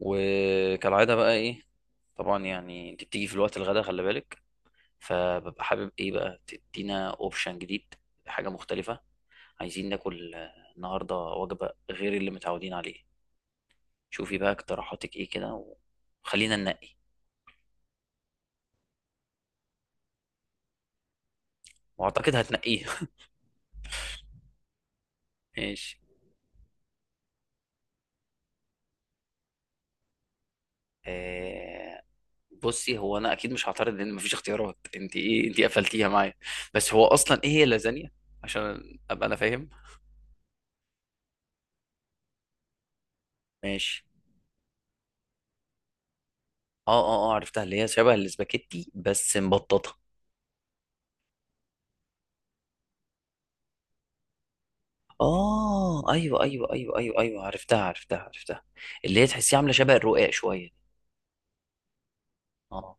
وكالعادة بقى ايه؟ طبعا يعني انت بتيجي في الوقت الغدا، خلي بالك. فببقى حابب ايه بقى، تدينا اوبشن جديد، حاجة مختلفة. عايزين ناكل النهاردة وجبة غير اللي متعودين عليه. شوفي بقى اقتراحاتك ايه كده، وخلينا ننقي. واعتقد هتنقيه. ماشي. آه. بصي هو انا اكيد مش هعترض، لان مفيش اختيارات انت، ايه انت قفلتيها معايا. بس هو اصلا ايه هي اللازانيا؟ عشان ابقى انا فاهم. ماشي. اه عرفتها، اللي هي شبه الاسباجيتي بس مبططه. اه، ايوه ايوه ايوه ايوه ايوه عرفتها، عرفتها، عرفتها. اللي هي تحسيها عامله شبه الرقاق شويه. اه.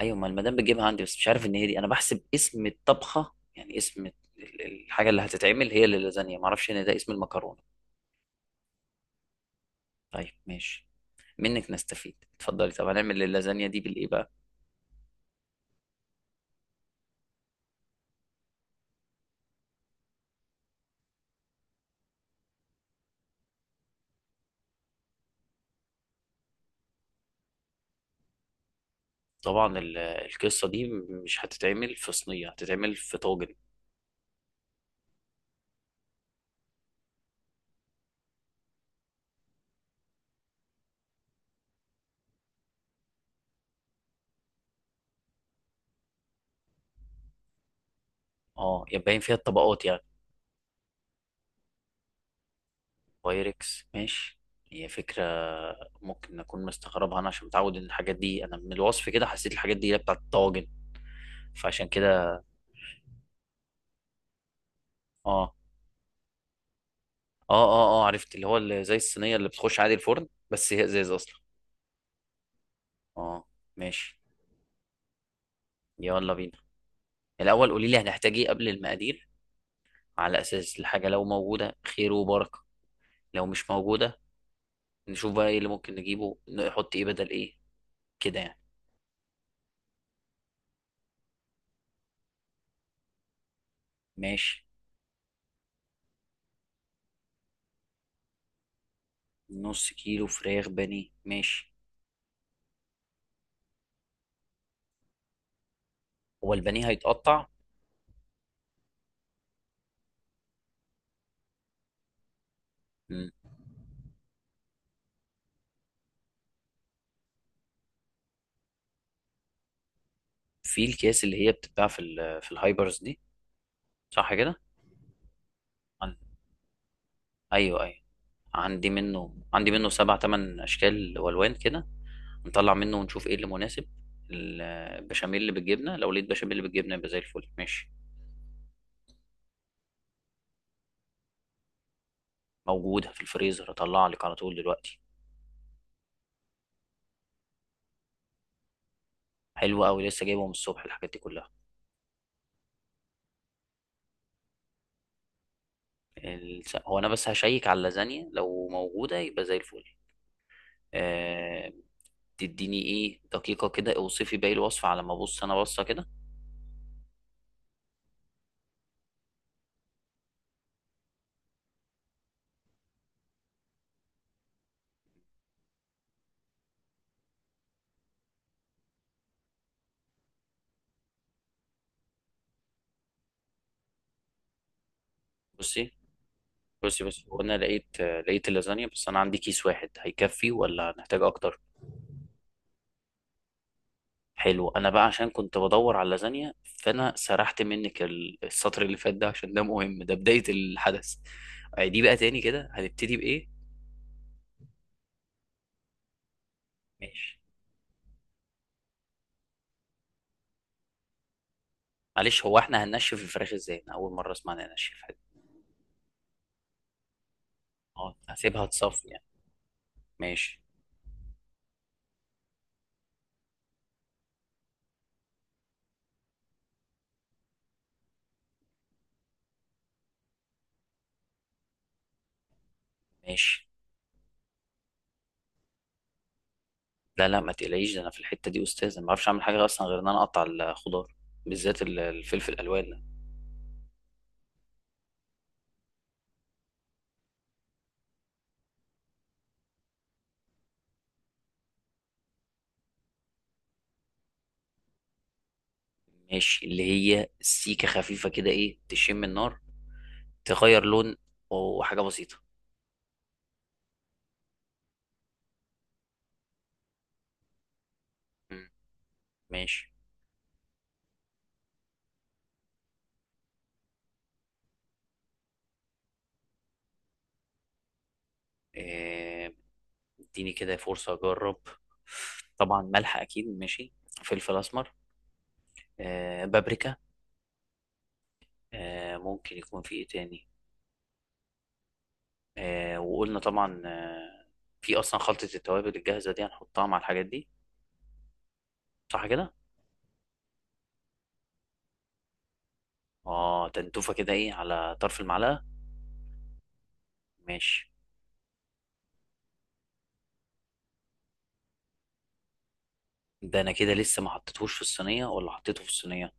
ايوه، ما المدام بتجيبها عندي، بس مش عارف ان هي دي. انا بحسب اسم الطبخه يعني اسم الحاجه اللي هتتعمل هي اللي لازانيا، ما اعرفش ان ده اسم المكرونه. طيب ماشي، منك نستفيد، اتفضلي. طب هنعمل اللازانيا دي بالايه بقى؟ طبعا القصه دي مش هتتعمل في صينيه، هتتعمل في طاجن؟ اه، يبقى باين فيها الطبقات يعني. بايركس، ماشي. هي فكرة، ممكن أكون مستغربها أنا عشان متعود إن الحاجات دي. أنا من الوصف كده حسيت الحاجات دي هي بتاعت الطواجن، فعشان كده. آه آه عرفت، اللي هو اللي زي الصينية اللي بتخش عادي الفرن، بس هي إزاز أصلا. آه. ماشي. يلا بينا، الأول قولي لي هنحتاج إيه قبل المقادير. على أساس الحاجة لو موجودة، خير وبركة. لو مش موجودة، نشوف بقى إيه اللي ممكن نجيبه، نحط إيه بدل إيه. كده يعني. ماشي. نص كيلو فراخ بانيه، ماشي. هو البانيه هيتقطع؟ في الكيس اللي هي بتتباع في في الهايبرز دي، صح كده؟ عن- ايوه ايوه، عندي منه، عندي منه سبع تمن اشكال والوان كده. نطلع منه ونشوف ايه اللي مناسب. البشاميل اللي بالجبنه، لو لقيت بشاميل بالجبنه يبقى زي الفل. ماشي. موجوده في الفريزر، اطلع لك على طول دلوقتي. حلو قوي، لسه جايبه من الصبح الحاجات دي كلها. هو انا بس هشيك على اللازانيا، لو موجوده يبقى زي الفل. أه... تديني ايه دقيقه كده، اوصفي باقي الوصفه على ما ابص انا بصه كده. بصي بصي هو انا لقيت اللازانيا، بس انا عندي كيس واحد، هيكفي ولا هنحتاج اكتر؟ حلو. انا بقى عشان كنت بدور على اللازانيا، فانا سرحت منك السطر اللي فات ده، عشان ده مهم، ده بداية الحدث. دي بقى تاني كده هنبتدي بايه؟ ماشي. معلش هو احنا هننشف الفراخ ازاي؟ انا اول مرة اسمع إن ننشفها دي. اه، هسيبها تصفي يعني. ماشي. ماشي. لا لا، ما تقلقيش، ده انا في الحتة دي استاذ. انا ما بعرفش اعمل حاجة اصلا غير ان انا اقطع الخضار، بالذات الفلفل الالوان. ماشي. اللي هي سيكة خفيفة كده، ايه تشم النار، تغير لون، وحاجة بسيطة. مم. ماشي. آه، اديني كده فرصة اجرب. طبعا ملح اكيد، ماشي. فلفل اسمر. بابريكا. ممكن يكون في ايه تاني. وقلنا طبعا، في اصلا خلطة التوابل الجاهزة دي، هنحطها مع الحاجات دي، صح كده؟ اه، تنتوفة كده ايه على طرف المعلقة. ماشي. ده انا كده لسه ما حطيتهوش في الصينية ولا حطيته في الصينية؟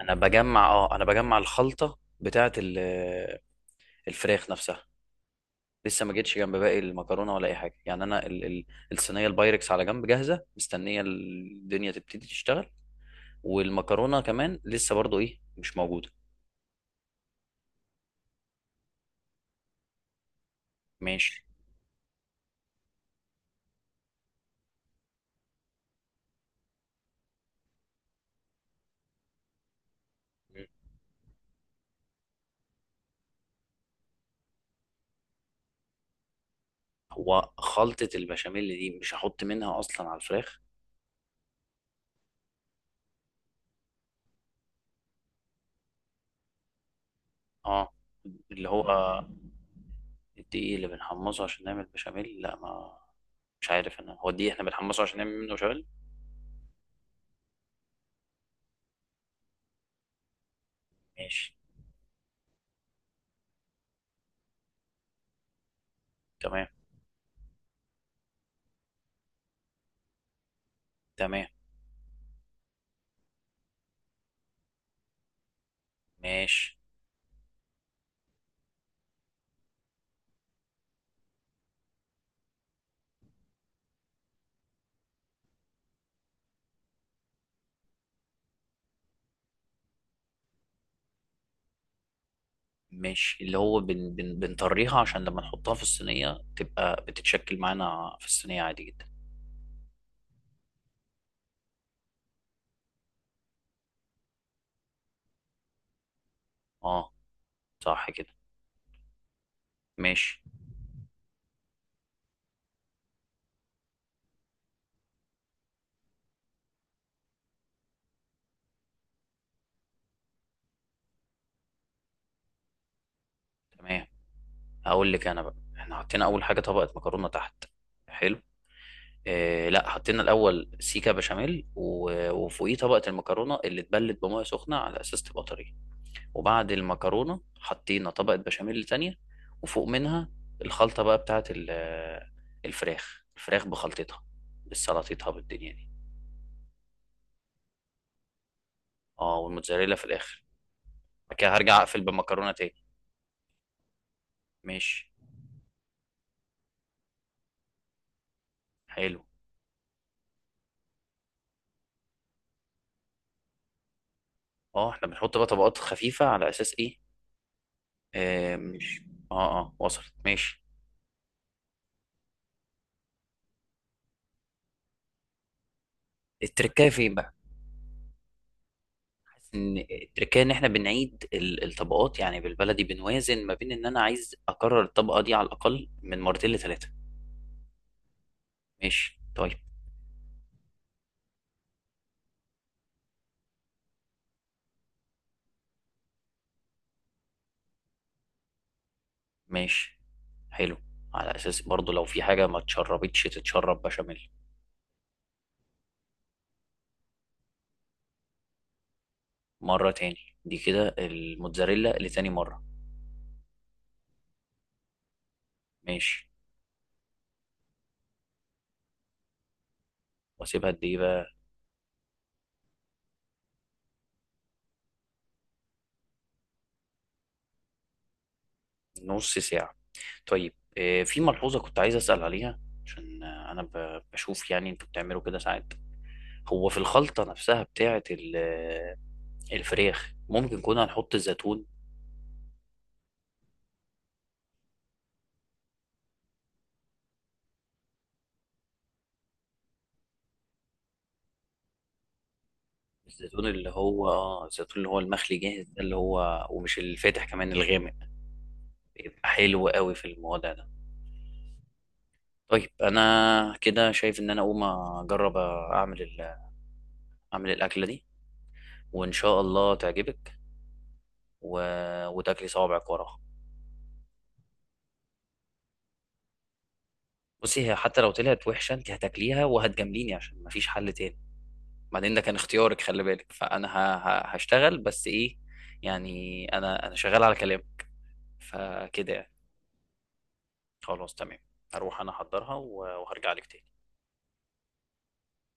انا بجمع، اه انا بجمع الخلطه بتاعه الفراخ نفسها. لسه ما جيتش جنب باقي المكرونه ولا اي حاجه، يعني انا ال الصينيه البايركس على جنب جاهزه، مستنيه الدنيا تبتدي تشتغل. والمكرونه كمان لسه برضو ايه، مش موجوده. ماشي. مم. هو خلطه البشاميل دي مش هحط منها اصلا على الفراخ؟ اه، اللي هو الدقيق اللي بنحمصه عشان نعمل بشاميل؟ لا ما، مش عارف انا، هو الدقيق احنا بنحمصه عشان نعمل منه بشاميل؟ ماشي. تمام. تمام. ماشي. ماشي، اللي هو بن بن بنطريها عشان لما نحطها في الصينية تبقى بتتشكل معانا في الصينية عادي جدا. اه، صح كده. ماشي. تمام. هقول لك انا بقى، احنا حطينا اول حاجة طبقة مكرونة تحت. حلو. آه لا، حطينا الاول سيكا بشاميل، وفوقيه طبقة المكرونة اللي اتبلت بمية سخنة على اساس تبقى طرية، وبعد المكرونة حطينا طبقة بشاميل تانية، وفوق منها الخلطة بقى بتاعت الفراخ، الفراخ بخلطتها، بالسلطتها بالدنيا دي. اه، والموتزاريلا في الاخر. بعد كده هرجع اقفل بالمكرونه تاني. ماشي. حلو. اه احنا بنحط بقى طبقات خفيفه على اساس ايه. ماشي. اه اه، وصلت، ماشي. التركايه فين بقى؟ حاسس ان التركايه ان احنا بنعيد الطبقات، يعني بالبلدي بنوازن ما بين ان انا عايز اكرر الطبقه دي على الاقل من مرتين لثلاثه. ماشي طيب. ماشي. حلو. على اساس برضو لو في حاجه ما اتشربتش، تتشرب بشاميل. مره تاني دي كده، الموتزاريلا لتاني مره. ماشي. واسيبها قد ايه بقى؟ نص ساعة. طيب، في ملحوظة كنت عايز أسأل عليها، عشان أنا بشوف يعني أنتوا بتعملوا كده ساعات. هو في الخلطة نفسها بتاعة الفراخ، ممكن كنا هنحط الزيتون؟ الزيتون اللي هو اه، الزيتون اللي هو المخلي جاهز ده، اللي هو ومش الفاتح، كمان الغامق. بيبقى حلو قوي في الموضوع ده. طيب انا كده شايف ان انا اقوم اجرب اعمل اعمل الاكله دي، وان شاء الله تعجبك، و... وتاكلي صوابعك وراها. بصي هي حتى لو طلعت وحشه، انت هتاكليها وهتجامليني عشان مفيش حل تاني. بعدين ده كان اختيارك، خلي بالك. فانا هشتغل بس ايه، يعني انا شغال على كلام، فكده يعني. خلاص تمام. هروح انا احضرها، وهرجع لك تاني.